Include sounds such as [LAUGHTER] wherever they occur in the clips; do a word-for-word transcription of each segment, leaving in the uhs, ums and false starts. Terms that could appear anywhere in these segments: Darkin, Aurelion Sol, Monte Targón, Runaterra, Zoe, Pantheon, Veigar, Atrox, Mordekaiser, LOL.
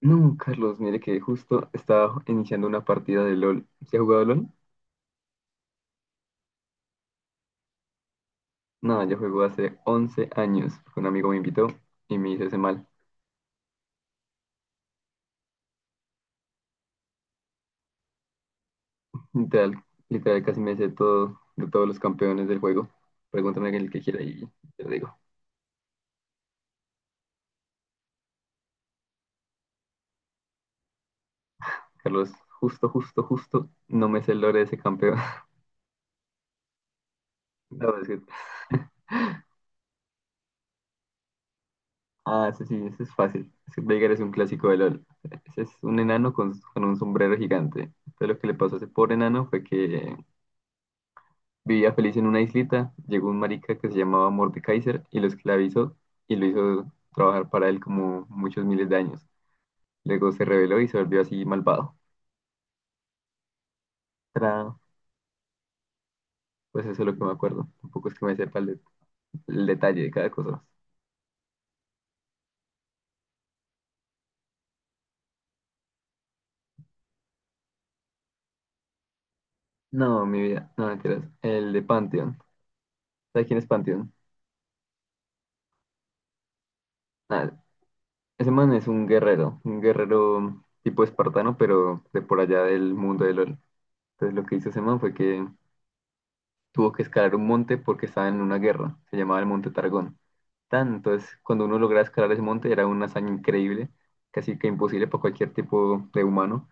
No, Carlos, mire que justo estaba iniciando una partida de LOL. ¿Se ha jugado LOL? No, yo juego hace once años. Un amigo me invitó y me hizo ese mal. Literal, literal casi me sé todo de todos los campeones del juego. Pregúntame el que quiera y te lo digo. Carlos, justo, justo, justo, no me sé el lore de ese campeón. [LAUGHS] No, es que- Ah, ese sí, ese es fácil. Es que Veigar es un clásico de LOL. Ese es un enano con, con un sombrero gigante. Entonces lo que le pasó a ese pobre enano fue que vivía feliz en una islita, llegó un marica que se llamaba Mordekaiser y lo esclavizó y lo hizo trabajar para él como muchos miles de años. Luego se rebeló y se volvió así malvado. Tra- Pues eso es lo que me acuerdo. Tampoco es que me sepa el, de- el detalle de cada cosa. No, mi vida, no mentiras. El de Pantheon. ¿Sabes quién es Pantheon? Ah, ese man es un guerrero, un guerrero tipo espartano, pero de por allá del mundo de LOL. Entonces lo que hizo ese man fue que tuvo que escalar un monte porque estaba en una guerra. Se llamaba el Monte Targón. Tanto es, cuando uno logra escalar ese monte era una hazaña increíble, casi que imposible para cualquier tipo de humano,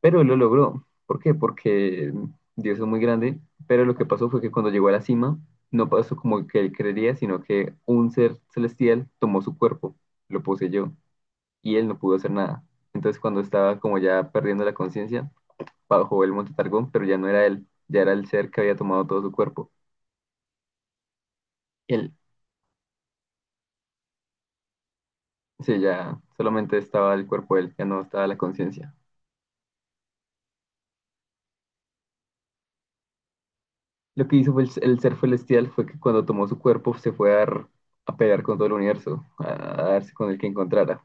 pero él lo logró. ¿Por qué? Porque Dios es muy grande, pero lo que pasó fue que cuando llegó a la cima, no pasó como que él creería, sino que un ser celestial tomó su cuerpo, lo poseyó, y él no pudo hacer nada. Entonces cuando estaba como ya perdiendo la conciencia, bajó el monte Targón, pero ya no era él, ya era el ser que había tomado todo su cuerpo. Él, sí, ya solamente estaba el cuerpo de él, ya no estaba la conciencia. Lo que hizo fue el, el ser celestial fue que cuando tomó su cuerpo se fue a, dar- a pelear con todo el universo, a, a darse con el que encontrara.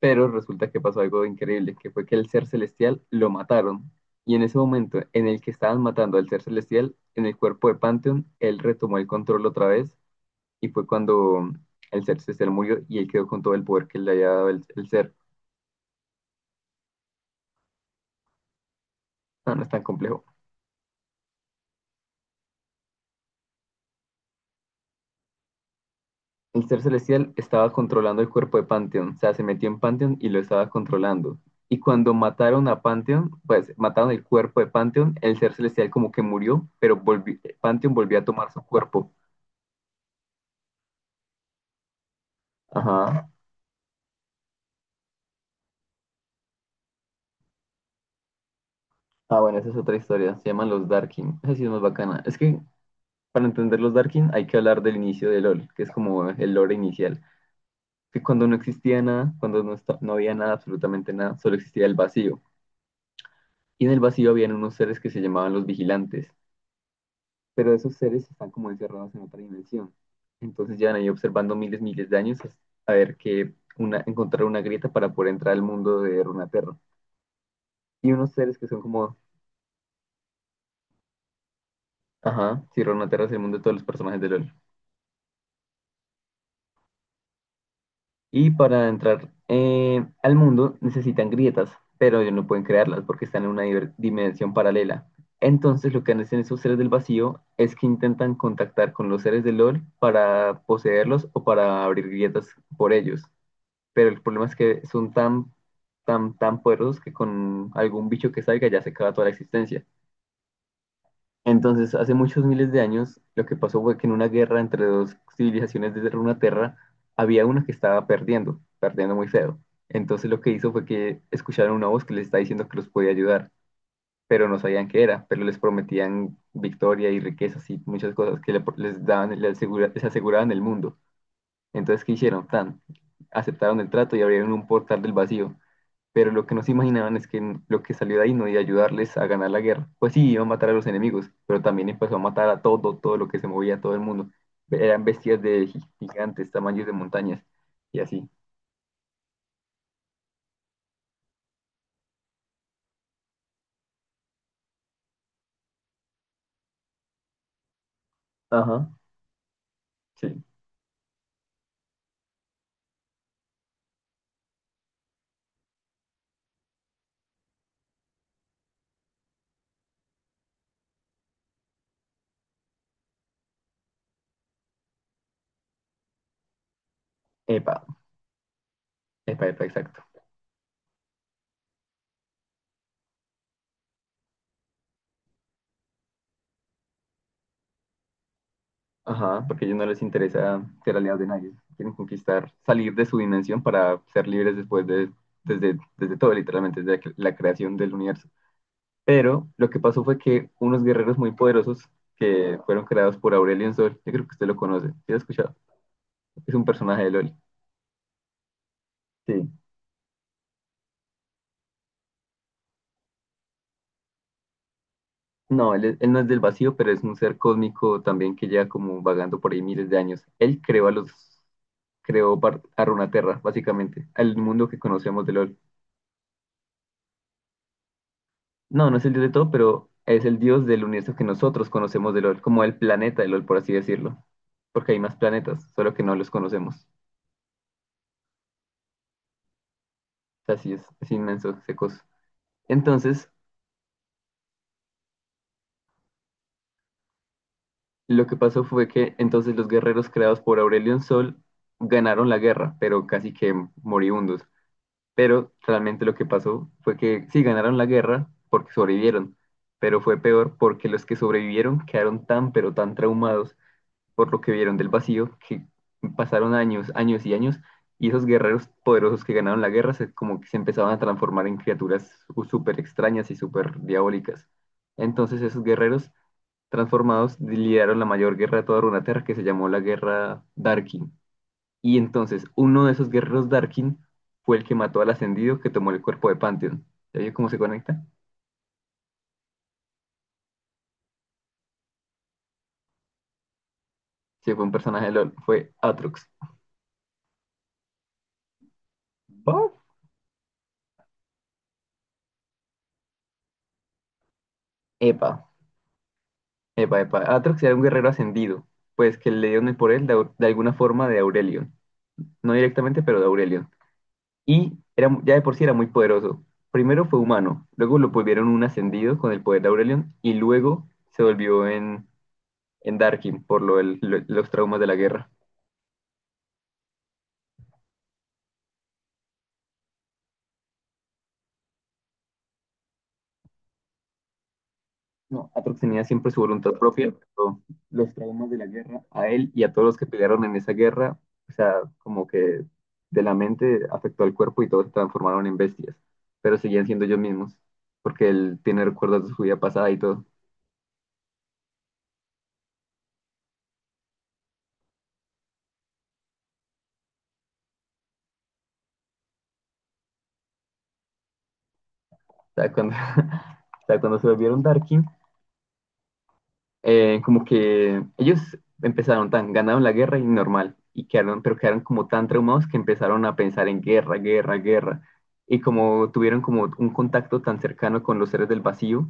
Pero resulta que pasó algo increíble, que fue que el ser celestial lo mataron. Y en ese momento en el que estaban matando al ser celestial, en el cuerpo de Pantheon, él retomó el control otra vez y fue cuando el ser celestial murió y él quedó con todo el poder que le había dado el, el ser. No, no es tan complejo. El ser celestial estaba controlando el cuerpo de Pantheon, o sea, se metió en Pantheon y lo estaba controlando. Y cuando mataron a Pantheon, pues mataron el cuerpo de Pantheon, el ser celestial como que murió, pero volvió, Pantheon volvió a tomar su cuerpo. Ajá. Ah, bueno, esa es otra historia, se llaman los Darkin. Esa sí es más bacana. Es que para entender los Darkin hay que hablar del inicio de LOL, que es como el lore inicial. Que cuando no existía nada, cuando no, está, no había nada, absolutamente nada, solo existía el vacío. Y en el vacío habían unos seres que se llamaban los vigilantes, pero esos seres están como encerrados en otra dimensión. Entonces llevan ahí observando miles, miles de años hasta- a ver que una, encontrar una grieta para poder entrar al mundo de Runaterra. Y unos seres que son como, ajá, sí, Runaterra es el mundo de todos los personajes de LOL. Y para entrar eh, al mundo necesitan grietas, pero ellos no pueden crearlas porque están en una diver- dimensión paralela. Entonces lo que hacen esos seres del vacío es que intentan contactar con los seres de LOL para poseerlos o para abrir grietas por ellos. Pero el problema es que son tan, tan, tan poderosos que con algún bicho que salga ya se acaba toda la existencia. Entonces, hace muchos miles de años, lo que pasó fue que en una guerra entre dos civilizaciones de Runaterra, había una que estaba perdiendo, perdiendo muy feo. Entonces, lo que hizo fue que escucharon una voz que les está diciendo que los podía ayudar, pero no sabían qué era, pero les prometían victoria y riquezas y muchas cosas que le- les daban, les, asegura- les aseguraban el mundo. Entonces, ¿qué hicieron? Tan, aceptaron el trato y abrieron un portal del vacío, pero lo que no se imaginaban es que lo que salió de ahí no iba a ayudarles a ganar la guerra. Pues sí, iba a matar a los enemigos, pero también empezó a matar a todo, todo lo que se movía, a todo el mundo. Eran bestias de gi- gigantes, tamaños de montañas y así. Ajá, sí. Epa, epa, epa, exacto. Ajá, porque a ellos no les interesa ser aliados de nadie. Quieren conquistar, salir de su dimensión para ser libres después de, desde, desde todo, literalmente, desde la creación del universo. Pero lo que pasó fue que unos guerreros muy poderosos que fueron creados por Aurelion Sol, yo creo que usted lo conoce, ¿sí lo ha escuchado? Es un personaje de LOL. Sí. No, él, es- él no es del vacío, pero es un ser cósmico también que lleva como vagando por ahí miles de años. Él creó a los, creó par- a Runaterra, básicamente, al mundo que conocemos de LOL. No, no es el dios de todo, pero es el dios del universo que nosotros conocemos de LOL, como el planeta de LOL, por así decirlo. Porque hay más planetas, solo que no los conocemos. Así es, es inmenso ese coso. Entonces, lo que pasó fue que entonces los guerreros creados por Aurelion Sol ganaron la guerra, pero casi que moribundos. Pero realmente lo que pasó fue que sí ganaron la guerra porque sobrevivieron, pero fue peor porque los que sobrevivieron quedaron tan pero tan traumados por lo que vieron del vacío que pasaron años, años y años y esos guerreros poderosos que ganaron la guerra se, como que se empezaban a transformar en criaturas súper extrañas y súper diabólicas. Entonces esos guerreros transformados lideraron la mayor guerra de toda Runeterra que se llamó la Guerra Darkin. Y entonces uno de esos guerreros Darkin fue el que mató al ascendido que tomó el cuerpo de Pantheon. ¿Ya vio cómo se conecta? Sí, fue un personaje de LOL, fue Atrox. ¿What? Epa, epa, epa. Atrox era un guerrero ascendido, pues que le dieron el por él de, de alguna forma de Aurelion. No directamente, pero de Aurelion. Y era, ya de por sí era muy poderoso. Primero fue humano, luego lo volvieron un ascendido con el poder de Aurelion y luego se volvió en en Darkin por lo del- lo- los traumas de la guerra. No, Atrox tenía siempre su voluntad propia, pero los traumas de la guerra a él y a todos los que pelearon en esa guerra, o sea, como que de la mente afectó al cuerpo y todos se transformaron en bestias, pero seguían siendo ellos mismos, porque él tiene recuerdos de su vida pasada y todo. O sea, cuando, [LAUGHS] o sea, cuando se volvieron Darkin, eh, como que ellos empezaron tan, ganaron la guerra y normal, y quedaron, pero quedaron como tan traumados que empezaron a pensar en guerra, guerra, guerra. Y como tuvieron como un contacto tan cercano con los seres del vacío,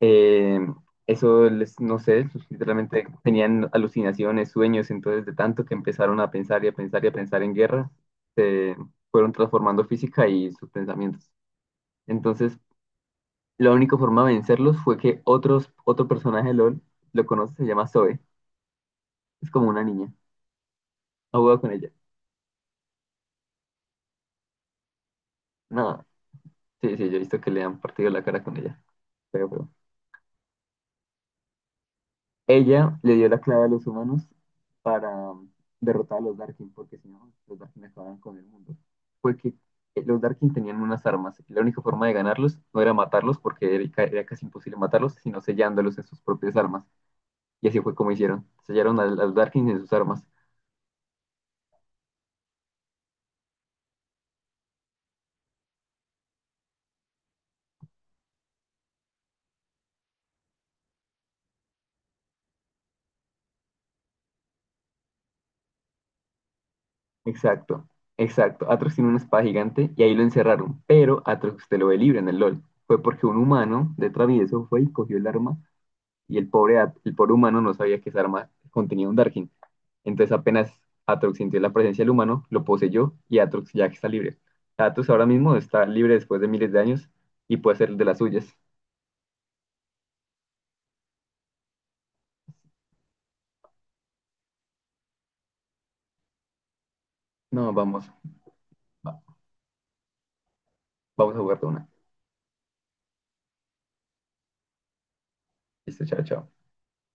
eh, eso les, no sé, literalmente tenían alucinaciones, sueños, entonces de tanto que empezaron a pensar y a pensar y a pensar en guerra, se fueron transformando física y sus pensamientos. Entonces, la única forma de vencerlos fue que otros, otro personaje de LOL lo conoce, se llama Zoe. Es como una niña. Ha jugado con ella. No, sí, sí, yo he visto que le han partido la cara con ella. Pero, pero- Ella le dio la clave a los humanos para um, derrotar a los Darkin, porque si no, los Darkin acababan con el mundo. Fue que eh, los Darkin tenían unas armas y la única forma de ganarlos no era matarlos, porque era, ca- era casi imposible matarlos, sino sellándolos en sus propias armas. Y así fue como hicieron. Sellaron al- a los Darkin en sus armas. Exacto, exacto. Atrox tiene una espada gigante y ahí lo encerraron, pero Atrox te lo ve libre en el LOL. Fue porque un humano de travieso fue y cogió el arma y el pobre, At- el pobre humano no sabía que esa arma contenía un Darkin. Entonces apenas Atrox sintió la presencia del humano, lo poseyó y Atrox ya está libre. Atrox ahora mismo está libre después de miles de años y puede ser de las suyas. No, vamos, va- vamos a jugar de una. Listo, chao, chao.